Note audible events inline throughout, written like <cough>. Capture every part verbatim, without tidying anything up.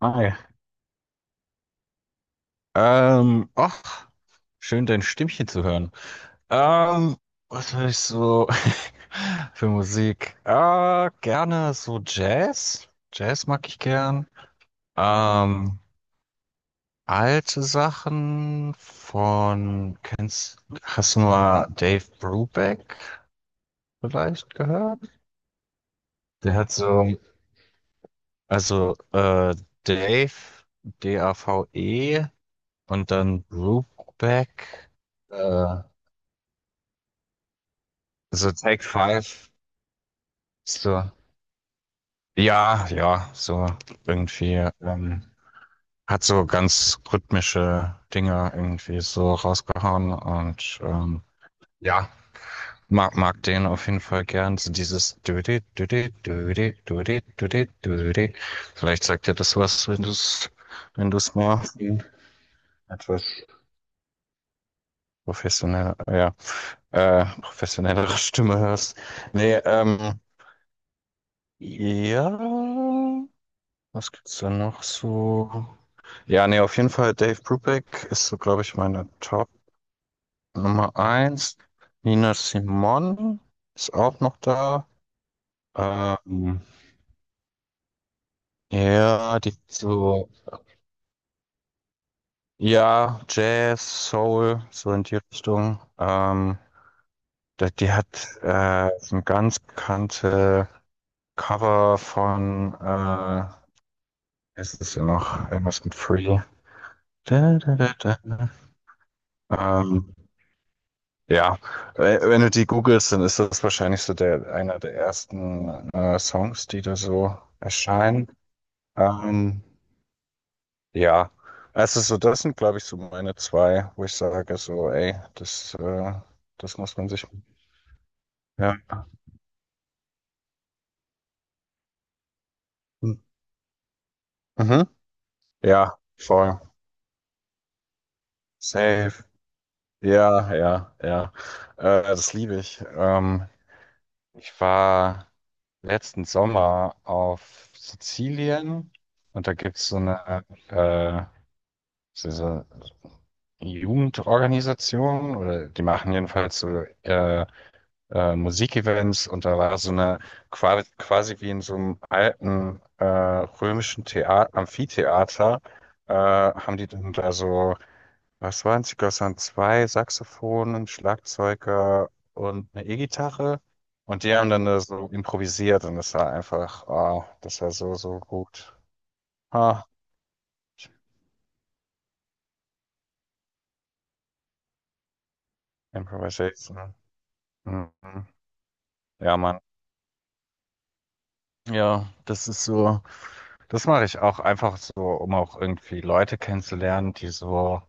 Hi. Ähm, ach, schön dein Stimmchen zu hören. Ähm, Was höre ich so <laughs> für Musik? Äh, gerne so Jazz. Jazz mag ich gern. Ähm, Alte Sachen von, kennst, hast du mal Dave Brubeck vielleicht gehört? Der hat so, also, äh, Dave, D A V E und dann Brubeck. Äh, So Take Five, so, ja, ja, so irgendwie, ähm, hat so ganz rhythmische Dinge irgendwie so rausgehauen und ähm, ja, mag, mag den auf jeden Fall gern. So dieses Düdi, Düdi, Düdi, Düdi, Düdi, Düdi. Vielleicht sagt dir das was, wenn du es wenn du es mal in etwas professionell, ja, äh, professionellere Stimme hörst. Nee, ähm, ja. Was gibt's denn noch so? Ja, nee, auf jeden Fall Dave Brubeck ist so, glaube ich, meine Top Nummer eins. Nina Simone ist auch noch da. Ähm, ja, die so, ja, Jazz, Soul, so in die Richtung. Ähm, die, die hat äh, so ein ganz bekannte Cover von, äh, ist es ist ja noch irgendwas mit Free. Da, da, da, da. Ähm, Ja, äh, wenn du die googelst, dann ist das wahrscheinlich so der, einer der ersten äh, Songs, die da so erscheinen. Ähm, ja, also so das sind, glaube ich, so meine zwei, wo ich sage so, ey, das, äh, das muss man sich. Ja. Mhm. Ja, voll. Safe. Ja, ja, ja. Äh, das liebe ich. Ähm, ich war letzten Sommer auf Sizilien und da gibt's so eine äh, diese Jugendorganisation oder die machen jedenfalls so äh, äh, Musikevents und da war so eine qua- quasi wie in so einem alten äh, römischen Thea Amphitheater. Äh, haben die dann da so, was waren es? Ich glaube, es waren zwei Saxophonen, Schlagzeuger und eine E-Gitarre und die haben dann da so improvisiert und das war einfach, ah, das war so, so gut. Ah, Improvisation. Mhm. Ja, Mann. Ja, das ist so, das mache ich auch einfach so, um auch irgendwie Leute kennenzulernen, die so,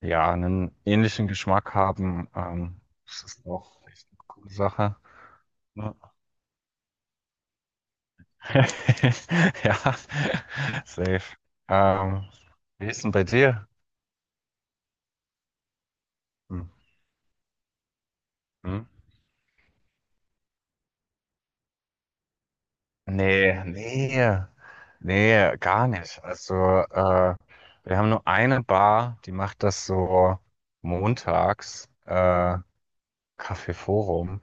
ja, einen ähnlichen Geschmack haben. Ähm, das ist auch echt eine coole Sache. Ne? <laughs> Ja, safe. Ähm, Wie ist denn bei dir? Hm. Hm? Nee, nee, nee, gar nicht. Also, äh, wir haben nur eine Bar, die macht das so montags, äh, Café Forum.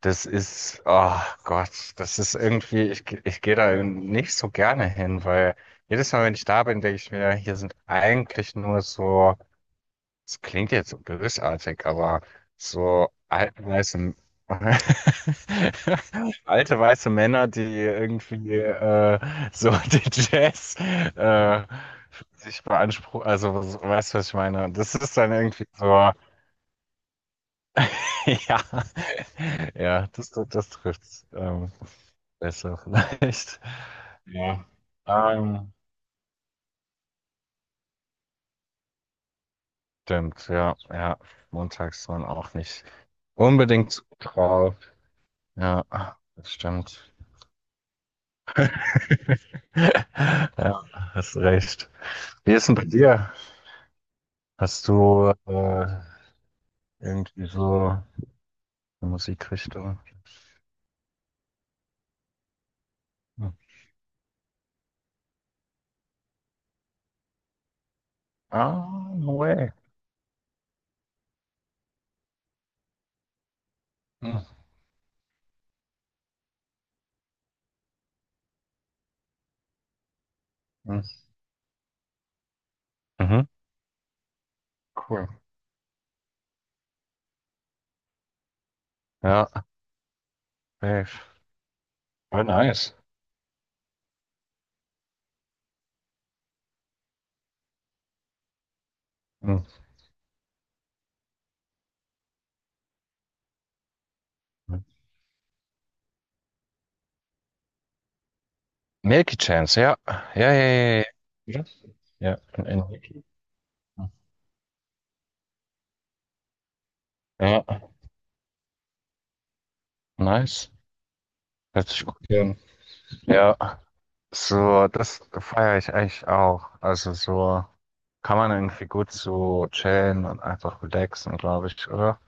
Das ist, oh Gott, das ist irgendwie, ich, ge- ich gehe da nicht so gerne hin, weil jedes Mal, wenn ich da bin, denke ich mir, hier sind eigentlich nur so, es klingt jetzt so bösartig, aber so alte weiße, <laughs> alte weiße Männer, die irgendwie äh, so <laughs> den Jazz äh, sich beanspruchen, also weißt du, was ich meine? Das ist dann irgendwie so. <laughs> Ja, ja, das, das trifft's ähm, besser vielleicht. Ja, Ähm, stimmt, ja, ja. Montags waren auch nicht unbedingt drauf. Ja, das stimmt. <laughs> Ja, hast recht. Wie ist denn bei dir? Hast du äh, irgendwie so eine Musikrichtung? Hm. Ah, no way. Hm. Hm. Mhm. Cool. Ja, safe. Voll nice. Hm. Milky Chance, ja. Ja, ja, ja, ja. Ja, Ja, von Enrique. Ja, nice. Hört sich gut an. Ja, so, das feiere ich eigentlich auch. Also so kann man irgendwie gut so chillen und einfach relaxen, glaube ich, oder?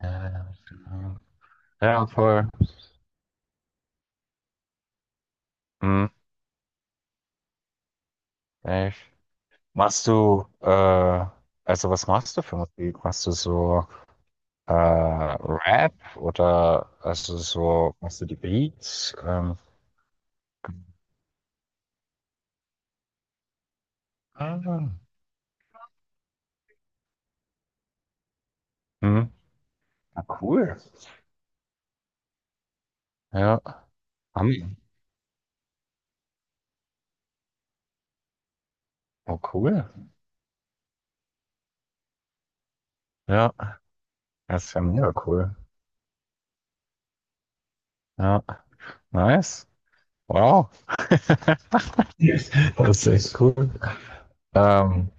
Ja, ja, genau. Ja, voll. Hm, echt. Machst du, äh, also was machst du für Musik? Machst du so äh, Rap oder also so, machst du die Beats? Ähm, Ah. Mhm. Na, cool. Ja. Hammer. Oh, cool. Ja. Das ist ja mega cool. Ja. Nice. Wow. Yes. Das ist echt cool. Ähm,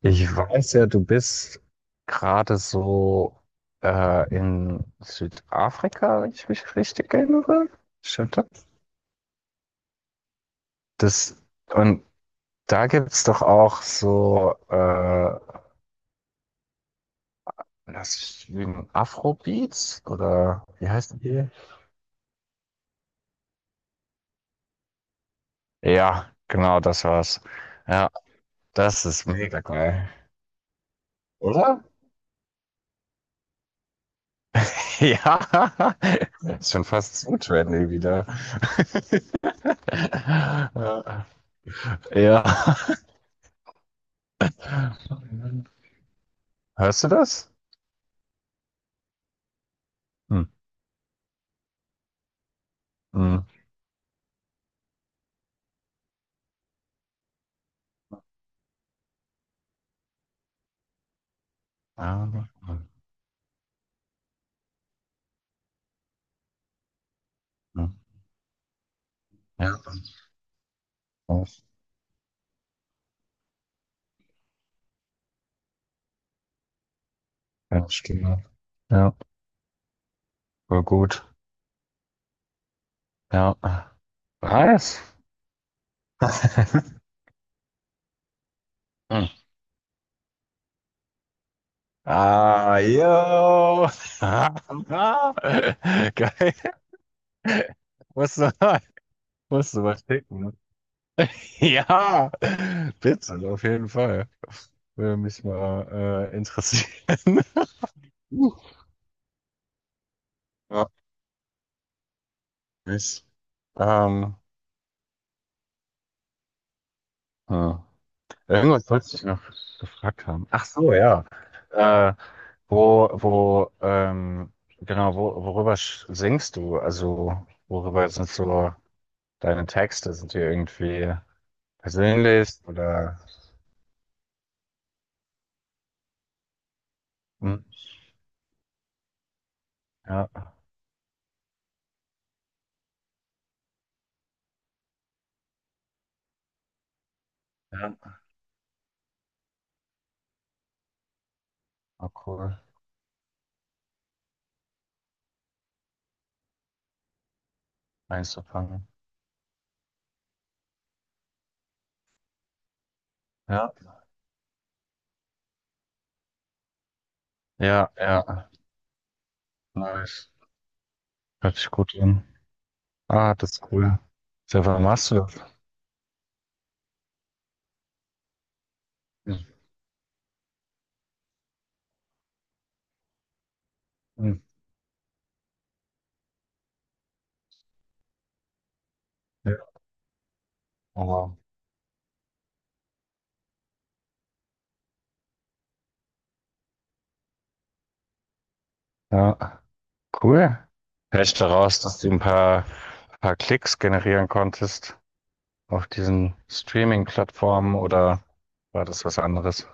Ich weiß ja, du bist gerade so äh, in Südafrika, wenn ich mich richtig erinnere. Stimmt das? Das, und da gibt es doch auch so, äh, das ist ich lügen, Afrobeats oder wie heißt die? Ja, genau, das war's. Ja, das ist mega geil. Oder? <laughs> Ja, ist schon fast zu trendy wieder. Ja. Ja. Hörst du das? Hm. Hm. Ja, ja, ja, Stimme. Ja, voll gut. Ja. Nice. <laughs> Hm. Ah, yo. <laughs> Geil. Musst du, musst du mal schicken. Ja, bitte, auf jeden Fall. Würde mich mal äh, interessieren. <laughs> Uh, Ja, nicht. Ähm, ja. Irgendwas wollte ich noch gefragt haben. Ach so, ja. Äh, wo, wo, ähm, genau, wo, worüber sch- singst du? Also, worüber sind so deine Texte? Sind die irgendwie persönlich oder? Hm, ja, ja, oh, cool. Einzufangen. Ja, ja, ja. Nice. Hört sich gut an. Ah, das ist cool. Seit wann machst du das? Mhm. Ja, aber- ja, cool. Vielleicht daraus, dass du ein paar, paar Klicks generieren konntest auf diesen Streaming-Plattformen oder war das was anderes?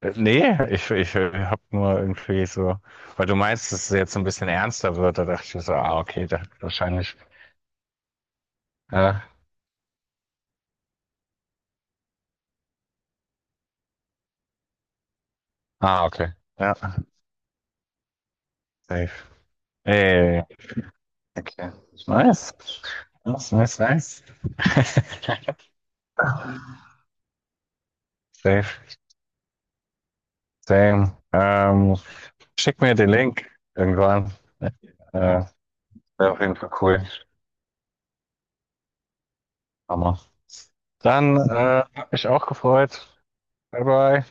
Äh, Nee, ich, ich habe nur irgendwie so, weil du meinst, dass es jetzt ein bisschen ernster wird, da dachte ich mir so, ah, okay, da wahrscheinlich. Ja. Ah, okay. Ja, safe. Ey. Okay. Nice. Nice, nice, nice. <laughs> Safe. Same. Ähm, schick mir den Link irgendwann. Äh, Wäre auf jeden Fall cool. Hammer. Dann äh, hat mich auch gefreut. Bye bye.